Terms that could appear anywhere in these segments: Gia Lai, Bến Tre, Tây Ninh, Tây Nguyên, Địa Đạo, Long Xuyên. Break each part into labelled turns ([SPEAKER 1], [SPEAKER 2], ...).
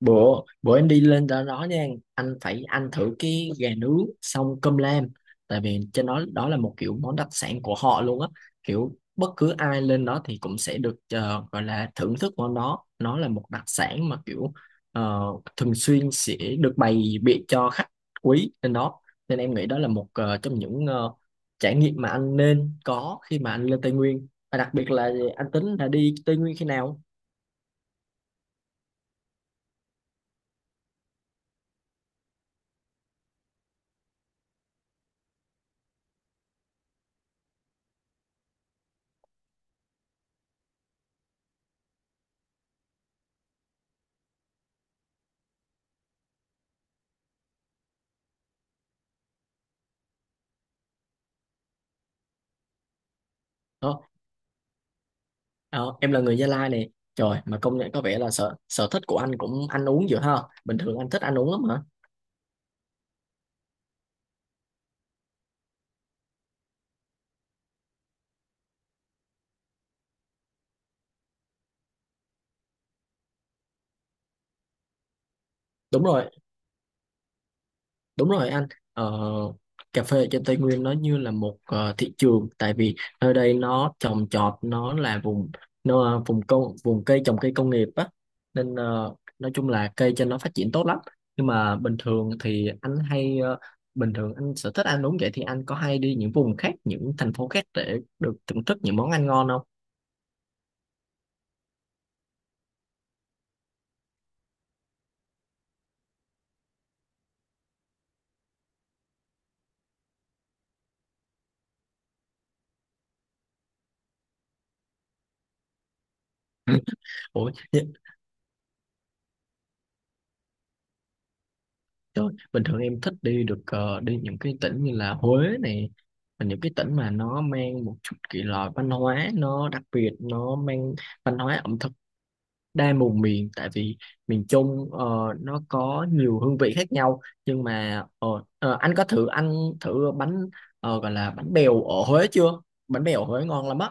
[SPEAKER 1] Bữa bữa em đi lên đó nha. Anh phải ăn thử cái gà nướng xong cơm lam. Tại vì trên đó đó là một kiểu món đặc sản của họ luôn á, kiểu bất cứ ai lên đó thì cũng sẽ được gọi là thưởng thức món đó. Nó là một đặc sản mà kiểu ờ, thường xuyên sẽ được bày biện cho khách quý lên đó, nên em nghĩ đó là một trong những trải nghiệm mà anh nên có khi mà anh lên Tây Nguyên. Và đặc biệt là anh tính là đi Tây Nguyên khi nào? Ờ, em là người Gia Lai nè. Trời, mà công nhận có vẻ là sở sở thích của anh cũng ăn uống dữ ha. Bình thường anh thích ăn uống lắm hả? Đúng rồi, đúng rồi anh. ờ, Cà phê ở trên Tây Nguyên nó như là một thị trường, tại vì nơi đây nó trồng trọt, nó là vùng vùng cây trồng, cây công nghiệp á. Nên nói chung là cây trên nó phát triển tốt lắm. Nhưng mà bình thường thì anh hay ờ, Bình thường anh sở thích ăn uống vậy thì anh có hay đi những vùng khác, những thành phố khác để được thưởng thức những món ăn ngon không? Ủa, trời, bình thường em thích đi được, đi những cái tỉnh như là Huế này, và những cái tỉnh mà nó mang một chút kỳ lạ, văn hóa nó đặc biệt, nó mang văn hóa ẩm thực đa vùng miền. Tại vì miền Trung nó có nhiều hương vị khác nhau. Nhưng mà anh có thử ăn thử bánh, gọi là bánh bèo ở Huế chưa? Bánh bèo ở Huế ngon lắm á.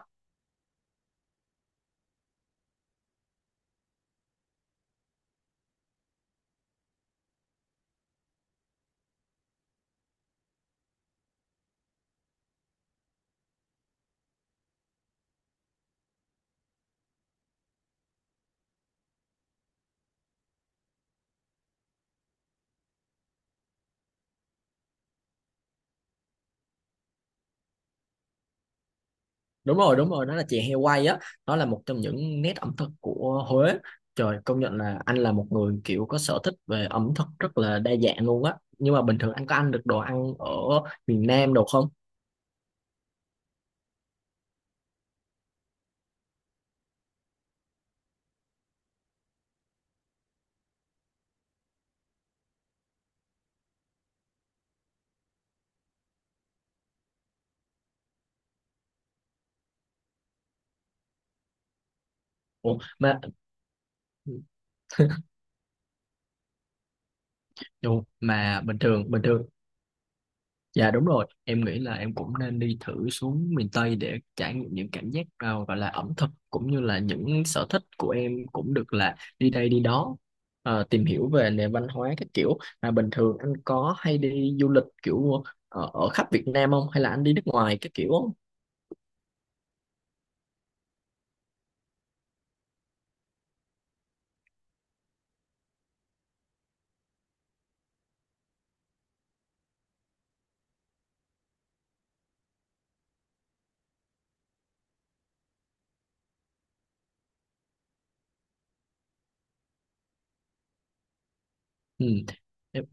[SPEAKER 1] Đúng rồi, đúng rồi, nó là chè heo quay á. Nó là một trong những nét ẩm thực của Huế. Trời, công nhận là anh là một người kiểu có sở thích về ẩm thực rất là đa dạng luôn á. Nhưng mà bình thường anh có ăn được đồ ăn ở miền Nam đồ không? Ủa, mà Ồ, mà bình thường Dạ, đúng rồi, em nghĩ là em cũng nên đi thử xuống miền Tây để trải nghiệm những cảm giác, à, gọi là ẩm thực, cũng như là những sở thích của em cũng được là đi đây đi đó, à, tìm hiểu về nền văn hóa các kiểu. Mà bình thường anh có hay đi du lịch kiểu ở khắp Việt Nam không, hay là anh đi nước ngoài các kiểu không? Ừ. Em,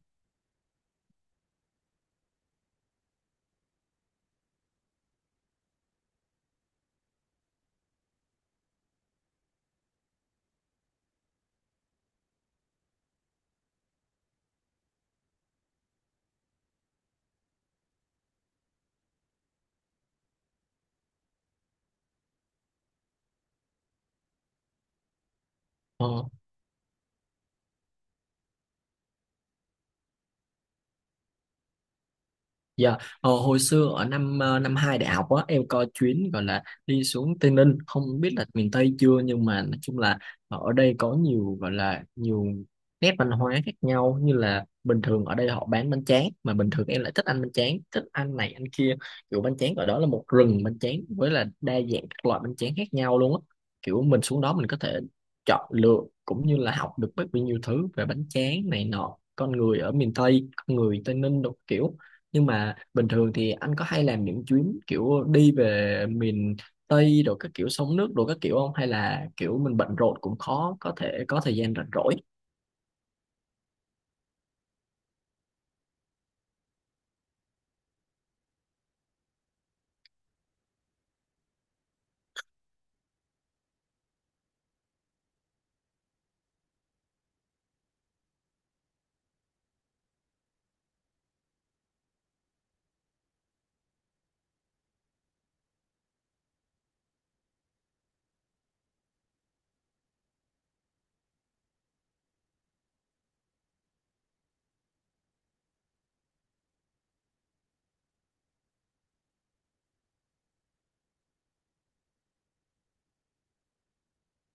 [SPEAKER 1] ờ. Dạ, hồi xưa ở năm hai đại học á, em có chuyến gọi là đi xuống Tây Ninh, không biết là miền Tây chưa, nhưng mà nói chung là ở đây có nhiều, gọi là nhiều nét văn hóa khác nhau. Như là bình thường ở đây họ bán bánh tráng, mà bình thường em lại thích ăn bánh tráng, thích ăn này ăn kia, kiểu bánh tráng ở đó là một rừng bánh tráng với là đa dạng các loại bánh tráng khác nhau luôn á. Kiểu mình xuống đó mình có thể chọn lựa, cũng như là học được rất là nhiều thứ về bánh tráng này nọ, con người ở miền Tây, con người Tây Ninh đồ kiểu. Nhưng mà bình thường thì anh có hay làm những chuyến kiểu đi về miền Tây rồi các kiểu sông nước rồi các kiểu không, hay là kiểu mình bận rộn cũng khó có thể có thời gian rảnh rỗi?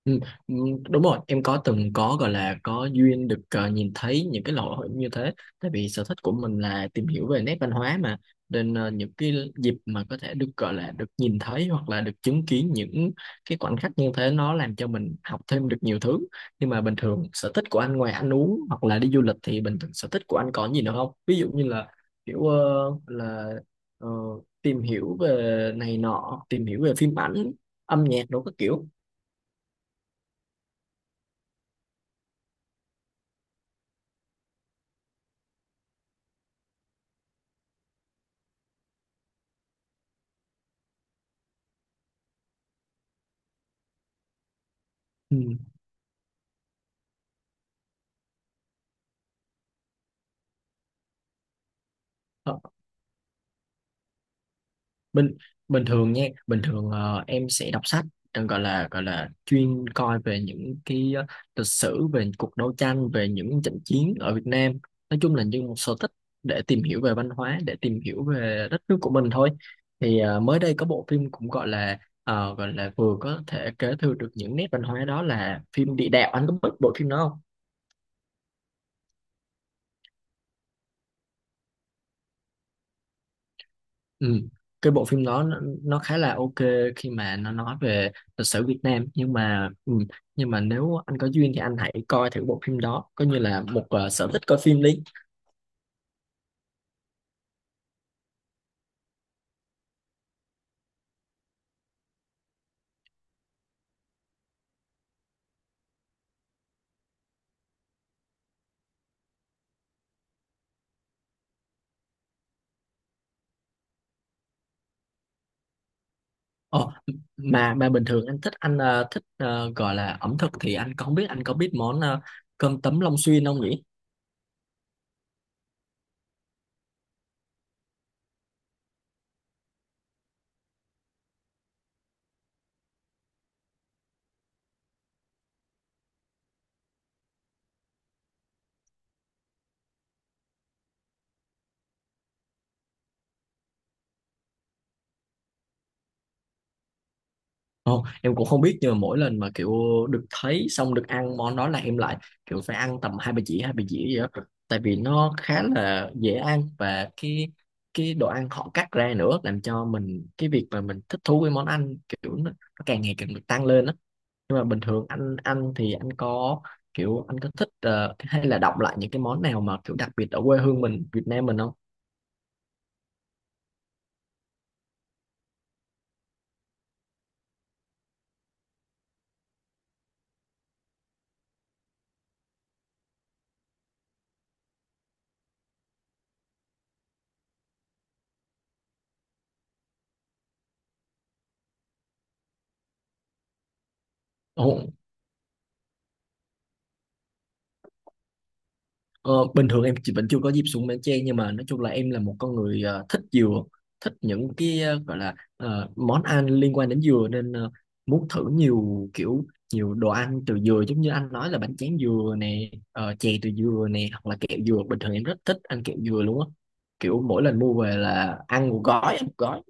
[SPEAKER 1] Ừ, ừ, đúng rồi, em có từng có, gọi là có duyên được nhìn thấy những cái lễ hội như thế. Tại vì sở thích của mình là tìm hiểu về nét văn hóa mà, nên những cái dịp mà có thể được gọi là được nhìn thấy, hoặc là được chứng kiến những cái khoảnh khắc như thế, nó làm cho mình học thêm được nhiều thứ. Nhưng mà bình thường sở thích của anh, ngoài ăn uống hoặc là đi du lịch, thì bình thường sở thích của anh có gì nữa không, ví dụ như là kiểu, là ờ, tìm hiểu về này nọ, tìm hiểu về phim ảnh, âm nhạc đồ các kiểu? Ừ. Ờ. bình bình thường nha bình thường ờ, em sẽ đọc sách, gọi là chuyên coi về những cái lịch sử, về cuộc đấu tranh, về những trận chiến ở Việt Nam, nói chung là như một sở thích để tìm hiểu về văn hóa, để tìm hiểu về đất nước của mình thôi. Thì mới đây có bộ phim cũng gọi là vừa có thể kế thừa được những nét văn hóa, đó là phim Địa Đạo, anh có biết bộ phim đó không? Ừ. Cái bộ phim đó nó khá là ok khi mà nó nói về lịch sử Việt Nam. Nhưng mà nếu anh có duyên thì anh hãy coi thử bộ phim đó, coi như là một sở thích coi phim đi. Ồ, mà bình thường anh thích, anh thích gọi là ẩm thực, thì anh có không biết anh có biết món cơm tấm Long Xuyên không nhỉ? Không, em cũng không biết, nhưng mà mỗi lần mà kiểu được thấy xong được ăn món đó là em lại kiểu phải ăn tầm hai ba dĩa, hai ba dĩa gì đó. Tại vì nó khá là dễ ăn và cái đồ ăn họ cắt ra nữa, làm cho mình cái việc mà mình thích thú với món ăn kiểu nó càng ngày càng được tăng lên á. Nhưng mà bình thường anh ăn thì anh có kiểu anh có thích, hay là đọc lại những cái món nào mà kiểu đặc biệt ở quê hương mình, Việt Nam mình không? Ồ. Ờ, bình thường vẫn chưa có dịp xuống Bến Tre, nhưng mà nói chung là em là một con người thích dừa, thích những cái, gọi là, món ăn liên quan đến dừa, nên muốn thử nhiều kiểu, nhiều đồ ăn từ dừa. Giống như anh nói là bánh tráng dừa nè, chè từ dừa nè, hoặc là kẹo dừa, bình thường em rất thích ăn kẹo dừa luôn á, kiểu mỗi lần mua về là ăn một gói, ăn một gói.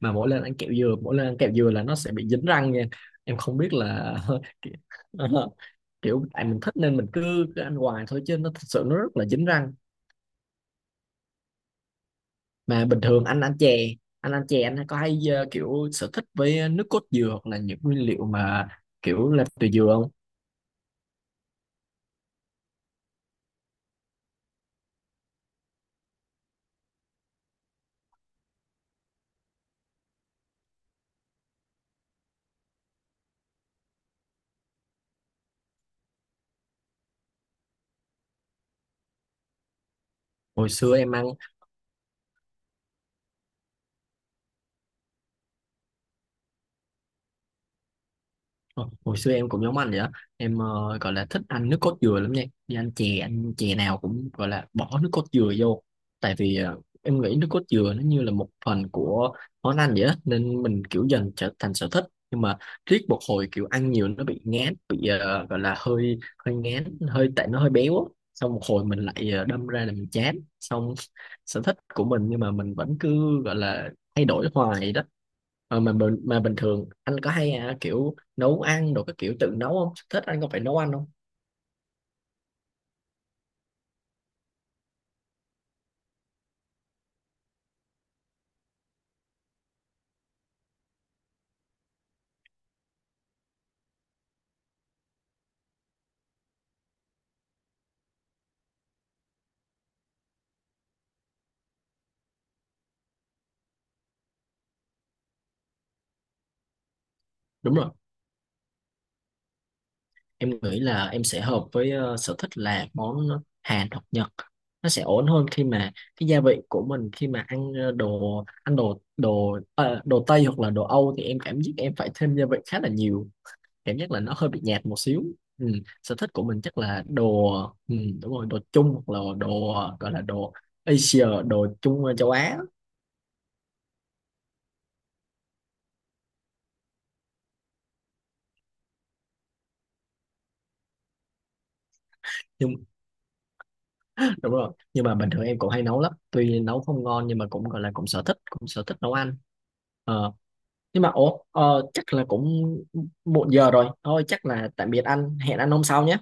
[SPEAKER 1] Mà mỗi lần ăn kẹo dừa mỗi lần ăn kẹo dừa là nó sẽ bị dính răng nha. Em không biết là ki- ờ, kiểu tại mình thích nên mình cứ ăn hoài thôi, chứ nó thật sự nó rất là dính răng. Mà bình thường anh ăn chè anh có hay, kiểu sở thích với nước cốt dừa hoặc là những nguyên liệu mà kiểu làm từ dừa không? Hồi xưa em ăn. Ờ, hồi xưa em cũng giống anh vậy á, em gọi là thích ăn nước cốt dừa lắm nha, đi ăn chè, ăn chè nào cũng gọi là bỏ nước cốt dừa vô. Tại vì em nghĩ nước cốt dừa nó như là một phần của món ăn vậy á, nên mình kiểu dần trở thành sở thích. Nhưng mà riết một hồi kiểu ăn nhiều nó bị ngán, bị gọi là hơi, hơi ngán, hơi tại nó hơi béo á, xong một hồi mình lại đâm ra là mình chán xong sở thích của mình, nhưng mà mình vẫn cứ gọi là thay đổi hoài đó. Ờ, mà mà bình thường anh có hay, à, kiểu nấu ăn đồ các kiểu tự nấu không, thích anh có phải nấu ăn không? Đúng rồi, em nghĩ là em sẽ hợp với, sở thích là món, Hàn hoặc Nhật, nó sẽ ổn hơn khi mà cái gia vị của mình, khi mà ăn đồ ăn đồ đồ ờ, đồ Tây hoặc là đồ Âu thì em cảm giác em phải thêm gia vị khá là nhiều, cảm giác là nó hơi bị nhạt một xíu. Ừ. Sở thích của mình chắc là đồ, ừ, đúng rồi, đồ Trung hoặc là đồ, gọi là đồ Asia, đồ Trung, châu Á. nhưng Đúng rồi, nhưng mà bình thường em cũng hay nấu lắm, tuy nấu không ngon, nhưng mà cũng gọi là cũng sở thích nấu ăn. ờ nhưng mà ủa, chắc là cũng muộn giờ rồi thôi, chắc là tạm biệt anh, hẹn anh hôm sau nhé.